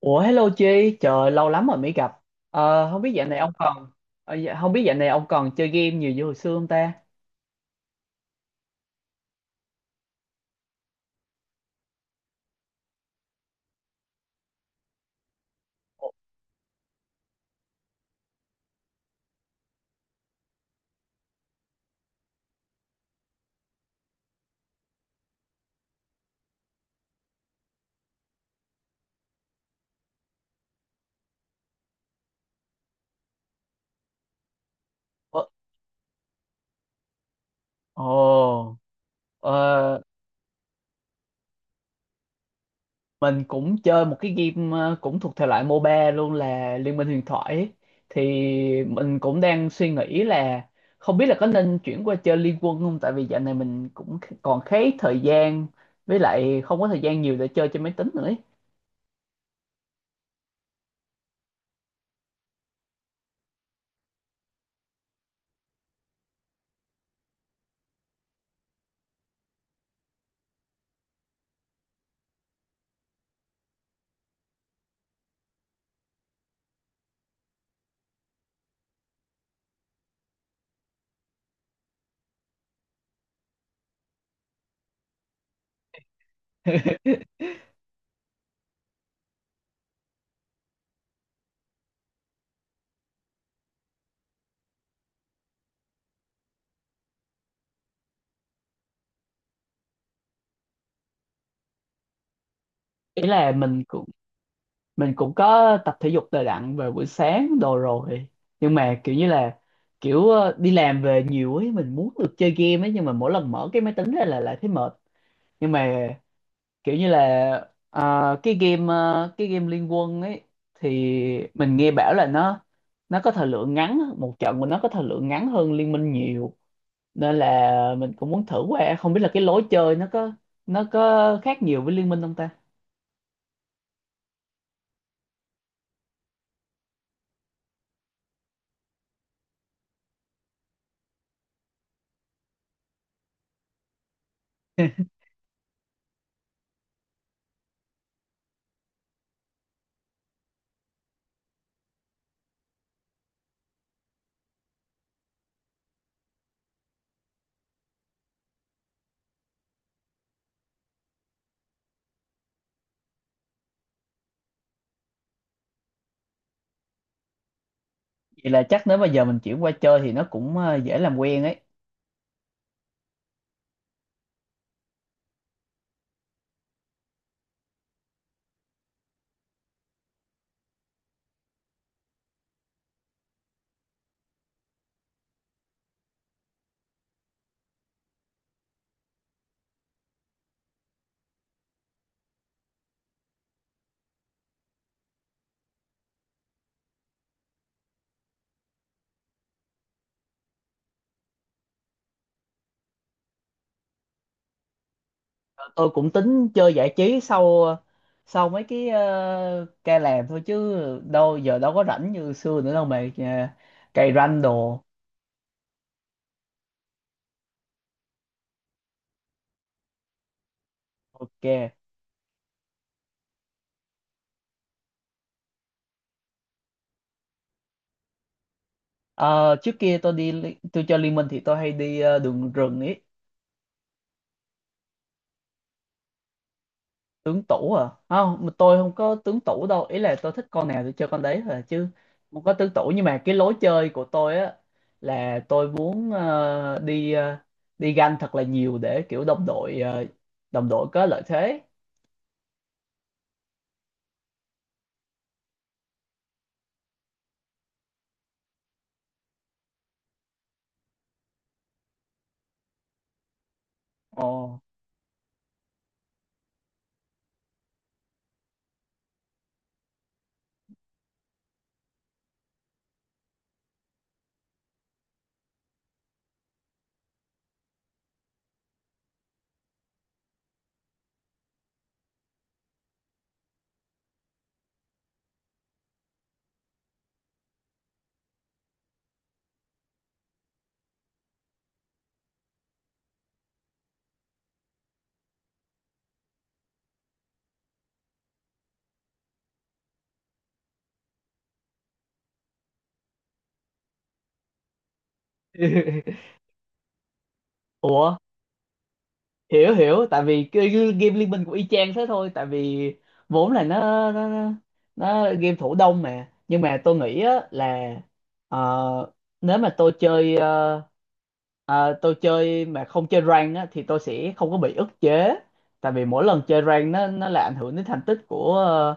Ủa hello Chi, trời lâu lắm rồi mới gặp. Không biết dạo này ông còn không biết dạo này ông còn chơi game nhiều như hồi xưa không ta? Ủa, Ồ, ờ, mình cũng chơi một cái game cũng thuộc thể loại MOBA luôn là Liên minh huyền thoại ấy. Thì mình cũng đang suy nghĩ là không biết là có nên chuyển qua chơi Liên quân không? Tại vì dạo này mình cũng còn khá ít thời gian với lại không có thời gian nhiều để chơi trên máy tính nữa ấy. Ý là mình cũng Mình cũng có tập thể dục đều đặn về buổi sáng đồ rồi nhưng mà kiểu như là kiểu đi làm về nhiều ấy, mình muốn được chơi game ấy nhưng mà mỗi lần mở cái máy tính ra là lại thấy mệt, nhưng mà kiểu như là cái game Liên Quân ấy thì mình nghe bảo là nó có thời lượng ngắn, một trận của nó có thời lượng ngắn hơn Liên Minh nhiều, nên là mình cũng muốn thử qua, không biết là cái lối chơi nó có khác nhiều với Liên Minh không ta. Vậy là chắc nếu mà giờ mình chuyển qua chơi thì nó cũng dễ làm quen ấy. Tôi cũng tính chơi giải trí sau sau mấy cái ca làm thôi, chứ đâu có rảnh như xưa nữa đâu mà cày ranh đồ. Ok. Ờ, trước kia tôi chơi Liên Minh thì tôi hay đi đường rừng ấy. Tướng tủ à, không, mà tôi không có tướng tủ đâu, ý là tôi thích con nào thì chơi con đấy thôi à, chứ không có tướng tủ. Nhưng mà cái lối chơi của tôi á là tôi muốn đi ganh thật là nhiều để kiểu đồng đội đồng đội có lợi thế. Ồ. Ủa, hiểu hiểu, tại vì cái game Liên Minh của y chang thế thôi, tại vì vốn là nó nó nó game thủ đông mà, nhưng mà tôi nghĩ á là ờ, nếu mà tôi chơi ờ, Ờ, tôi chơi mà không chơi rank á, thì tôi sẽ không có bị ức chế, tại vì mỗi lần chơi rank nó là ảnh hưởng đến thành tích của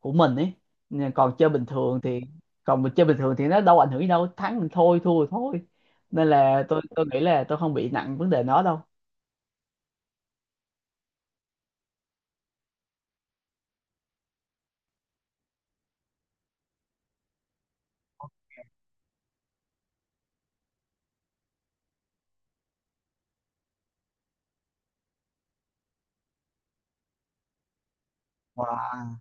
của mình ấy. Nhưng còn chơi bình thường thì, còn mình chơi bình thường thì nó đâu ảnh hưởng gì đâu, thắng thì thôi thua thì thôi, nên là tôi nghĩ là tôi không bị nặng vấn đề nó đâu. Wow.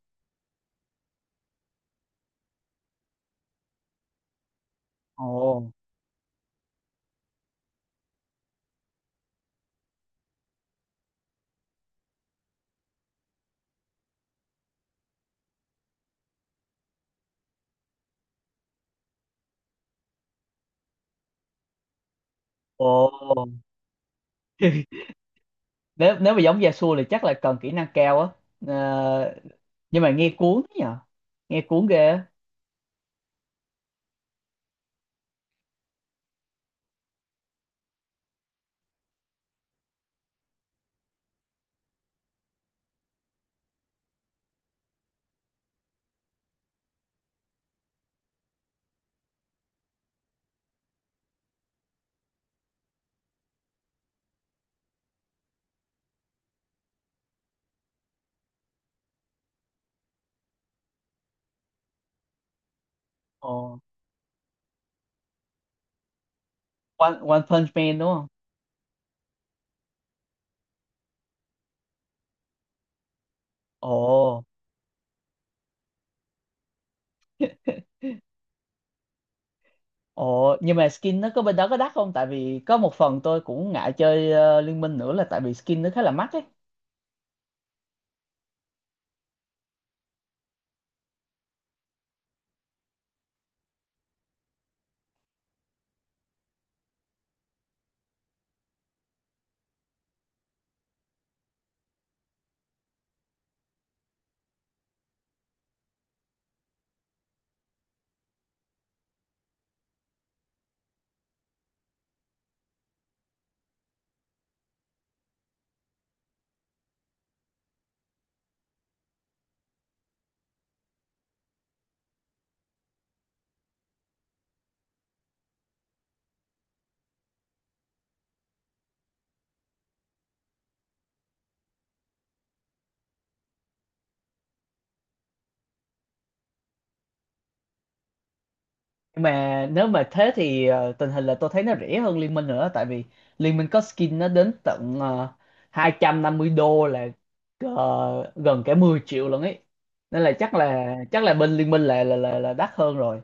Ồ. Ồ. Nếu nếu mà giống Yasuo thì chắc là cần kỹ năng cao á. Ờ, nhưng mà nghe cuốn nhỉ, nghe cuốn ghê á. Ồ. One, One Punch Man đúng không? Ồ. Ồ, nhưng mà skin nó có bên đó có đắt không? Tại vì có một phần tôi cũng ngại chơi Liên Minh nữa là tại vì skin nó khá là mắc ấy. Nhưng mà nếu mà thế thì tình hình là tôi thấy nó rẻ hơn Liên Minh nữa, tại vì Liên Minh có skin nó đến tận 250 đô, là gần cả 10 triệu luôn ấy. Nên là chắc là bên Liên Minh là là đắt hơn rồi.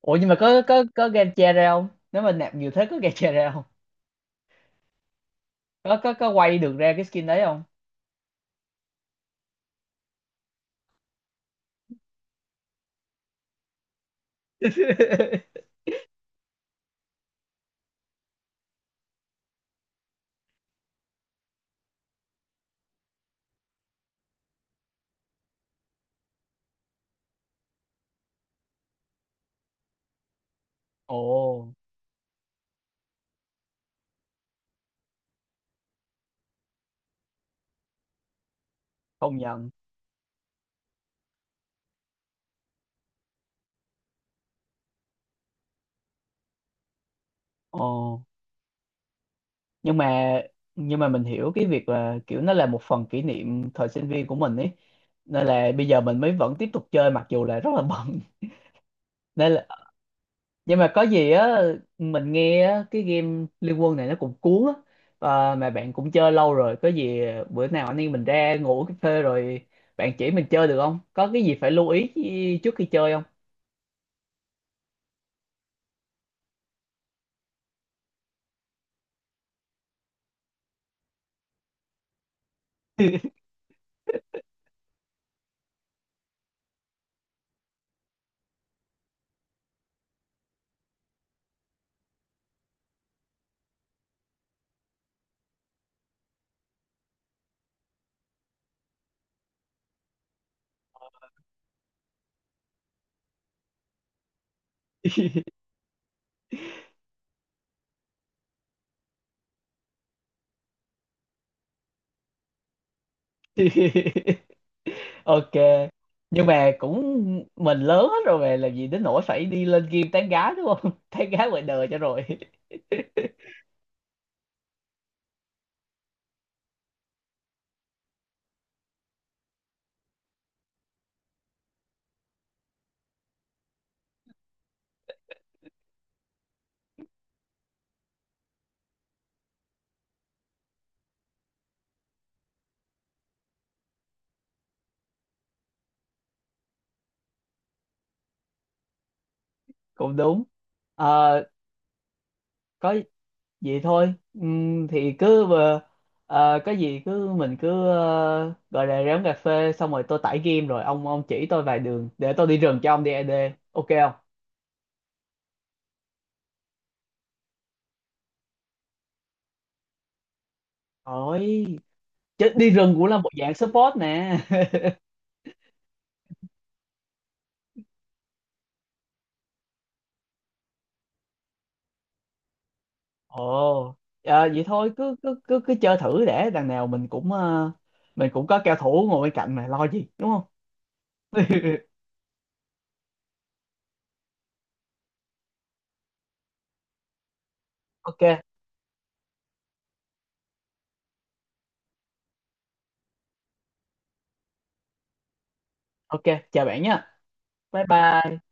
Ủa nhưng mà có game che ra không? Nếu mà nạp nhiều thế có game che ra không? Có quay được ra cái skin đấy không? Ồ, không nhận. Ồ. nhưng mà nhưng mà mình hiểu cái việc là kiểu nó là một phần kỷ niệm thời sinh viên của mình ấy, nên là bây giờ mình mới vẫn tiếp tục chơi mặc dù là rất là bận. Nên là, nhưng mà có gì á, mình nghe á, cái game Liên Quân này nó cũng cuốn á. Ờ, mà bạn cũng chơi lâu rồi, có gì bữa nào anh em mình ra ngủ uống cà phê rồi bạn chỉ mình chơi được không, có cái gì phải lưu ý trước khi chơi không? Ok, nhưng mà cũng mình lớn hết rồi mà, làm gì đến nỗi phải đi lên game tán gái, đúng không? Tán gái ngoài đời cho rồi. Cũng đúng. Ờ, có gì thôi. Thì cứ có gì cứ mình cứ gọi là ráng cà phê xong rồi tôi tải game rồi ông chỉ tôi vài đường để tôi đi rừng cho ông đi AD, ok không? Ôi, chứ đi rừng cũng là một dạng support nè. Ồ, à, vậy thôi cứ cứ cứ cứ chơi thử, để đằng nào mình cũng mình cũng có cao thủ ngồi bên cạnh mà lo gì đúng không? Ok, ok, chào bạn nha. Bye bye.